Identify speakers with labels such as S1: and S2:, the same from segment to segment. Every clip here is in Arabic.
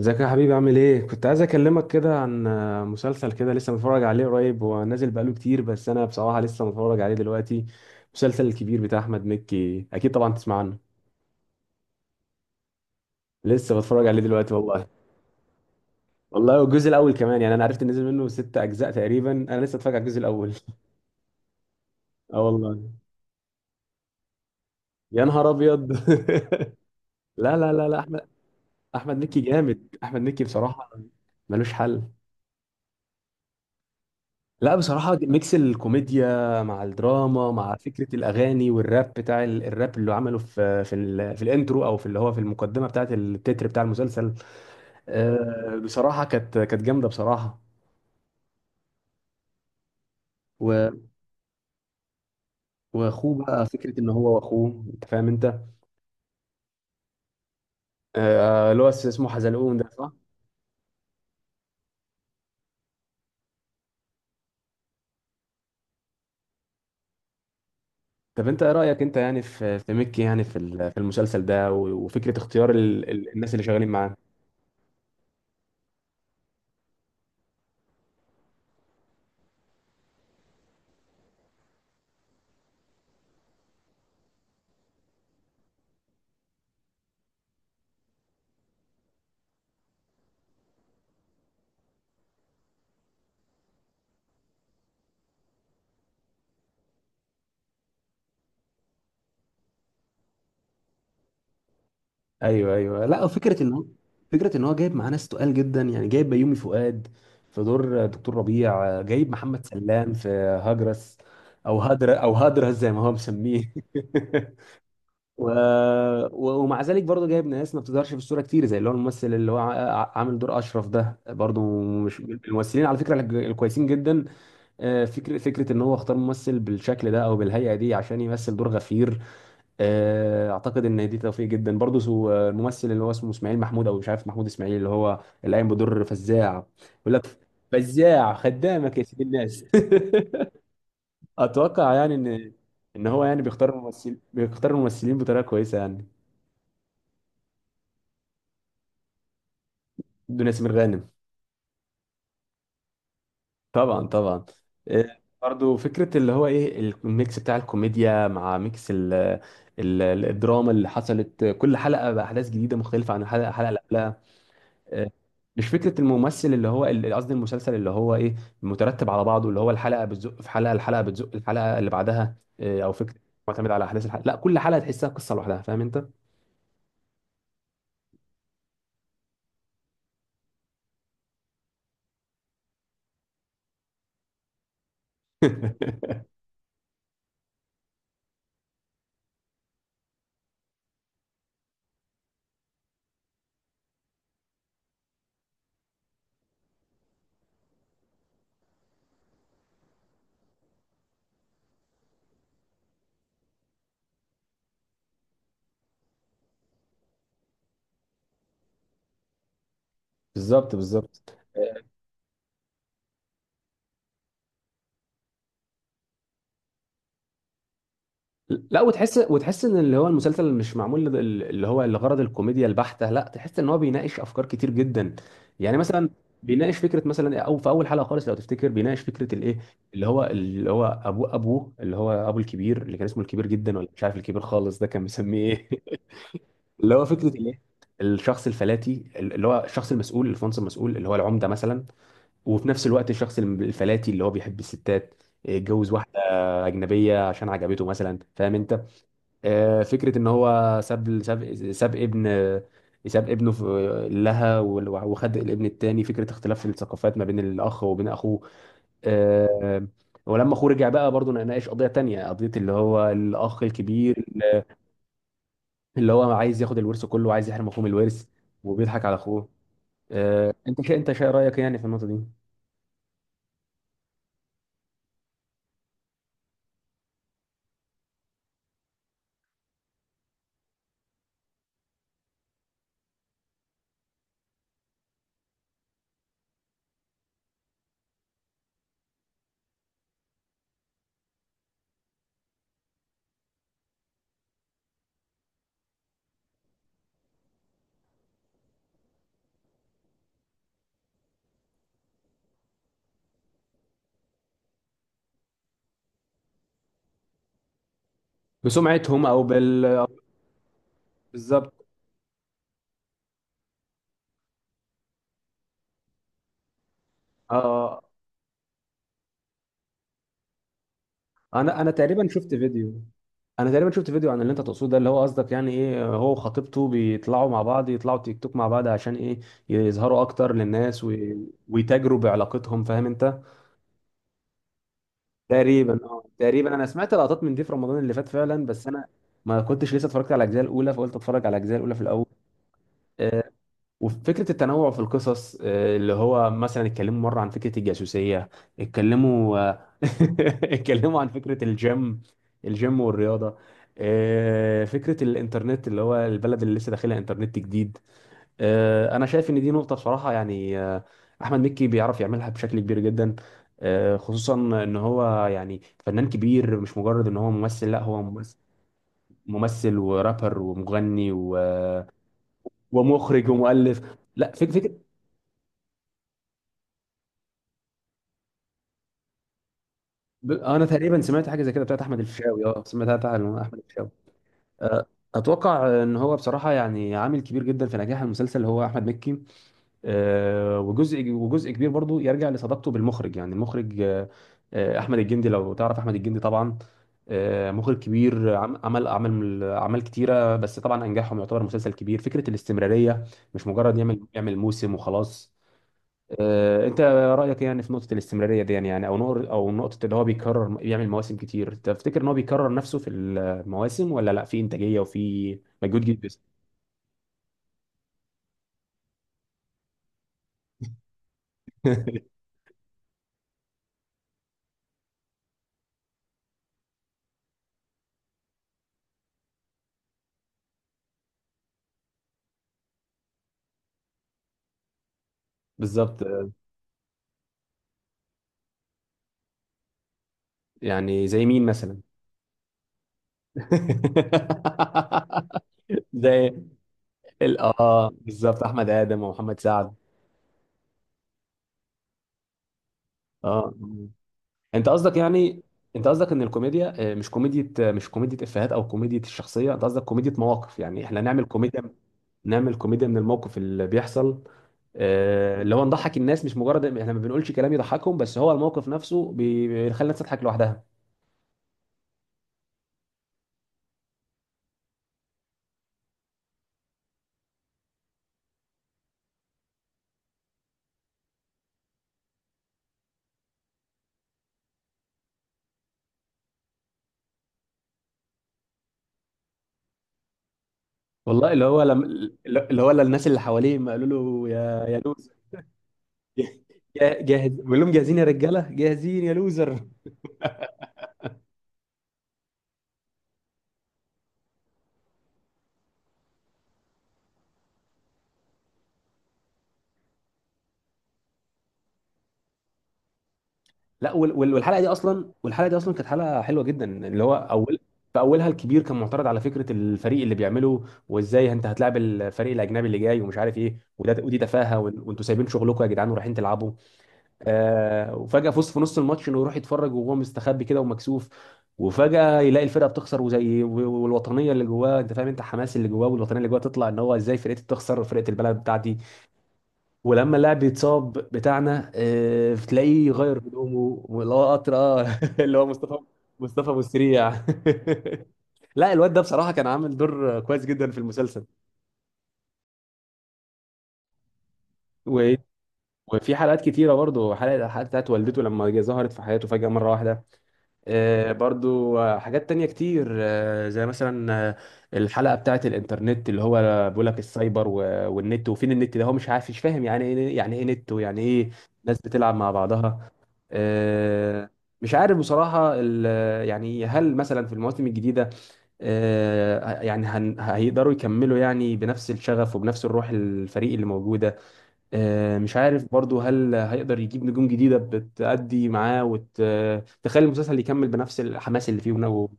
S1: ازيك يا حبيبي؟ عامل ايه؟ كنت عايز اكلمك كده عن مسلسل كده لسه متفرج عليه قريب، هو نازل بقاله كتير بس انا بصراحة لسه متفرج عليه دلوقتي. المسلسل الكبير بتاع احمد مكي، اكيد طبعا تسمع عنه. لسه بتفرج عليه دلوقتي والله. والله، والجزء الاول كمان يعني، انا عرفت ان نزل منه ست اجزاء تقريبا، انا لسه اتفرج على الجزء الاول. اه والله. يا نهار ابيض. لا لا لا لا، احمد. احمد مكي جامد، احمد مكي بصراحة ملوش حل. لا بصراحة، ميكس الكوميديا مع الدراما مع فكرة الأغاني والراب بتاع الراب اللي عمله في في الانترو أو في اللي هو في المقدمة بتاعة التتر بتاع المسلسل. بصراحة كانت جامدة بصراحة. و- وأخوه بقى، فكرة إن هو وأخوه، أنت فاهم أنت. اللي هو اسمه حزلقون ده، صح؟ طب أنت إيه رأيك أنت يعني في ميكي، يعني في في المسلسل ده، وفكرة اختيار الناس اللي شغالين معاه؟ ايوه ايوه، لا فكره ان هو جايب معاه ناس تقال جدا، يعني جايب بيومي فؤاد في دور دكتور ربيع، جايب محمد سلام في هجرس او هدرس زي ما هو مسميه. و... ومع ذلك برضه جايب ناس ما بتظهرش في الصوره كتير، زي اللي هو الممثل اللي هو عامل دور اشرف ده برضه، مش الممثلين على فكره الكويسين جدا. فكره ان هو اختار ممثل بالشكل ده او بالهيئه دي عشان يمثل دور غفير. اعتقد ان دي توفيق جدا برضه، الممثل اللي هو اسمه اسماعيل محمود، او مش عارف، محمود اسماعيل، اللي هو اللي قايم بدور فزاع. يقول لك فزاع خدامك يا سيد الناس. اتوقع يعني ان ان هو يعني بيختار الممثلين بطريقه كويسه يعني. بدون ياسمين غانم. طبعا طبعا. برضه فكره اللي هو ايه، الميكس بتاع الكوميديا مع ميكس الدراما اللي حصلت، كل حلقه باحداث جديده مختلفه عن الحلقه اللي قبلها. آه، مش فكره الممثل اللي هو قصدي المسلسل اللي هو ايه، مترتب على بعضه، اللي هو الحلقه بتزق الحلقه اللي بعدها، او فكره معتمد على احداث الحلقه، لا كل حلقه تحسها قصه لوحدها، فاهم انت. بالظبط بالظبط. لا وتحس ان اللي هو المسلسل مش معمول اللي هو لغرض الكوميديا البحتة، لا تحس ان هو بيناقش افكار كتير جدا. يعني مثلا بيناقش فكرة مثلا، او في اول حلقة خالص لو تفتكر، بيناقش فكرة الايه، اللي هو ابوه اللي هو ابو الكبير اللي كان اسمه الكبير جدا، ولا مش عارف الكبير خالص، ده كان مسميه ايه؟ اللي هو فكرة الايه، الشخص الفلاتي اللي هو الشخص المسؤول، الفونس المسؤول اللي هو العمدة مثلا، وفي نفس الوقت الشخص الفلاتي اللي هو بيحب الستات، اتجوز واحدة أجنبية عشان عجبته مثلا، فاهم انت. فكره ان هو ساب ابنه في لها، وخد الابن التاني، فكره اختلاف الثقافات ما بين الاخ وبين اخوه. آه، ولما اخوه رجع بقى برضه، ناقش قضيه تانية، قضيه اللي هو الاخ الكبير اللي هو عايز ياخد الورث كله وعايز يحرم اخوه من الورث وبيضحك على اخوه. انت شا رايك يعني في النقطه دي؟ بسمعتهم او بالظبط، اه. انا تقريبا شفت فيديو، عن اللي انت تقصده ده، اللي هو قصدك يعني ايه، هو وخطيبته بيطلعوا مع بعض يطلعوا تيك توك مع بعض عشان ايه، يظهروا اكتر للناس ويتاجروا بعلاقتهم، فاهم انت. تقريبا، اه، تقريبا انا سمعت لقطات من دي في رمضان اللي فات فعلا، بس انا ما كنتش لسه اتفرجت على الاجزاء الاولى، فقلت اتفرج على الاجزاء الاولى في الاول. آه، وفكرة التنوع في القصص، اللي هو مثلا اتكلموا مرة عن فكرة الجاسوسية، اتكلموا آه، اتكلموا عن فكرة الجيم والرياضة، فكرة الإنترنت اللي هو البلد اللي لسه داخلها إنترنت جديد. أنا شايف إن دي نقطة بصراحة، يعني أحمد مكي بيعرف يعملها بشكل كبير جدا. خصوصا إن هو يعني فنان كبير، مش مجرد إن هو ممثل، لا هو ممثل ورابر ومغني ومخرج ومؤلف. لا، فكرة، انا تقريبا سمعت حاجه زي كده بتاعت احمد الفيشاوي، اه سمعتها بتاعت احمد الفيشاوي. أه، اتوقع ان هو بصراحه يعني عامل كبير جدا في نجاح المسلسل اللي هو احمد مكي. وجزء كبير برضو يرجع لصداقته بالمخرج، يعني المخرج، أه، أه، احمد الجندي، لو تعرف احمد الجندي طبعا. مخرج كبير، عمل اعمال كتيره، بس طبعا انجحهم يعتبر مسلسل كبير، فكره الاستمراريه، مش مجرد يعمل موسم وخلاص. انت رايك يعني في نقطه الاستمراريه دي، يعني يعني او نقطه اللي هو بيكرر بيعمل مواسم كتير، تفتكر ان هو بيكرر نفسه في المواسم ولا لا، في انتاجيه وفي مجهود جدا بس؟ بالظبط. يعني زي مين مثلا؟ زي اه، بالظبط، احمد ادم ومحمد سعد. اه انت قصدك يعني انت قصدك ان الكوميديا، مش كوميديا افيهات او كوميديا الشخصيه، انت قصدك كوميديا مواقف، يعني احنا نعمل كوميديا من الموقف اللي بيحصل، اللي هو نضحك الناس، مش مجرد احنا ما بنقولش كلام يضحكهم، بس هو الموقف نفسه بيخلي الناس تضحك لوحدها. والله اللي هو لم... اللي هو الناس اللي حواليه ما قالوا له يا جاهز، بقول لهم جاهزين يا رجاله، جاهزين يا لوزر. لا والحلقه دي اصلا كانت حلقه حلوه جدا، اللي هو اول في اولها الكبير كان معترض على فكره الفريق اللي بيعمله، وازاي انت هتلاعب الفريق الاجنبي اللي جاي ومش عارف ايه، وده ودي تفاهه، وانتوا سايبين شغلكم يا جدعان ورايحين تلعبوا. وفجأة فوز في نص الماتش انه يروح يتفرج وهو مستخبي كده ومكسوف، وفجأة يلاقي الفرقة بتخسر، والوطنية اللي جواه، انت فاهم انت، حماس اللي جواه والوطنية اللي جواه تطلع ان هو ازاي فرقتي بتخسر، فرقة البلد بتاعتي. ولما اللاعب يتصاب بتاعنا، بتلاقيه يغير هدومه اللي هو قطر، اه. اللي هو مصطفى ابو السريع. لا الواد ده بصراحة كان عامل دور كويس جدا في المسلسل. و- وفي حلقات كتيرة برضه، الحلقة بتاعت والدته لما ظهرت في حياته فجأة مرة واحدة. برضو حاجات تانية كتير، زي مثلا الحلقة بتاعت الانترنت اللي هو بيقول لك السايبر والنت، وفين النت ده، هو مش عارف مش فاهم يعني ايه، يعني ايه نت، ويعني ايه ناس بتلعب مع بعضها. آه، مش عارف بصراحة يعني هل مثلا في المواسم الجديدة، يعني هيقدروا يكملوا يعني بنفس الشغف وبنفس الروح، الفريق اللي موجودة. مش عارف برضو هل هيقدر يجيب نجوم جديدة بتأدي معاه وتخلي المسلسل يكمل بنفس الحماس اللي فيه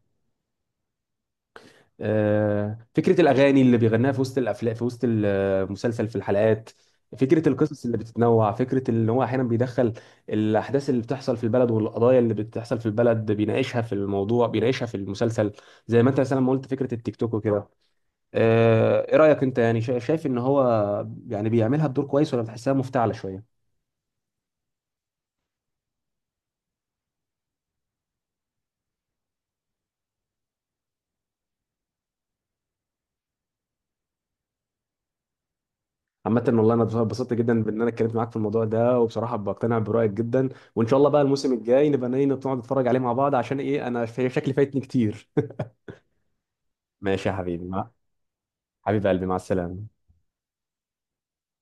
S1: فكرة الأغاني اللي بيغناها في وسط الأفلام، في وسط المسلسل، في الحلقات، فكرة القصص اللي بتتنوع، فكرة اللي هو أحيانا بيدخل الأحداث اللي بتحصل في البلد والقضايا اللي بتحصل في البلد، بيناقشها في الموضوع، بيناقشها في المسلسل، زي ما أنت مثلا ما قلت فكرة التيك توك وكده. إيه رأيك أنت، يعني شايف إن هو يعني بيعملها بدور كويس ولا بتحسها مفتعلة شوية؟ عامة والله انا اتبسطت جدا بان انا اتكلمت معاك في الموضوع ده، وبصراحة بقتنع برأيك جدا، وان شاء الله بقى الموسم الجاي نبقى نيجي نقعد نتفرج عليه مع بعض، عشان ايه، انا شكلي فايتني كتير. ماشي يا حبيبي، حبيب قلبي، مع السلامة.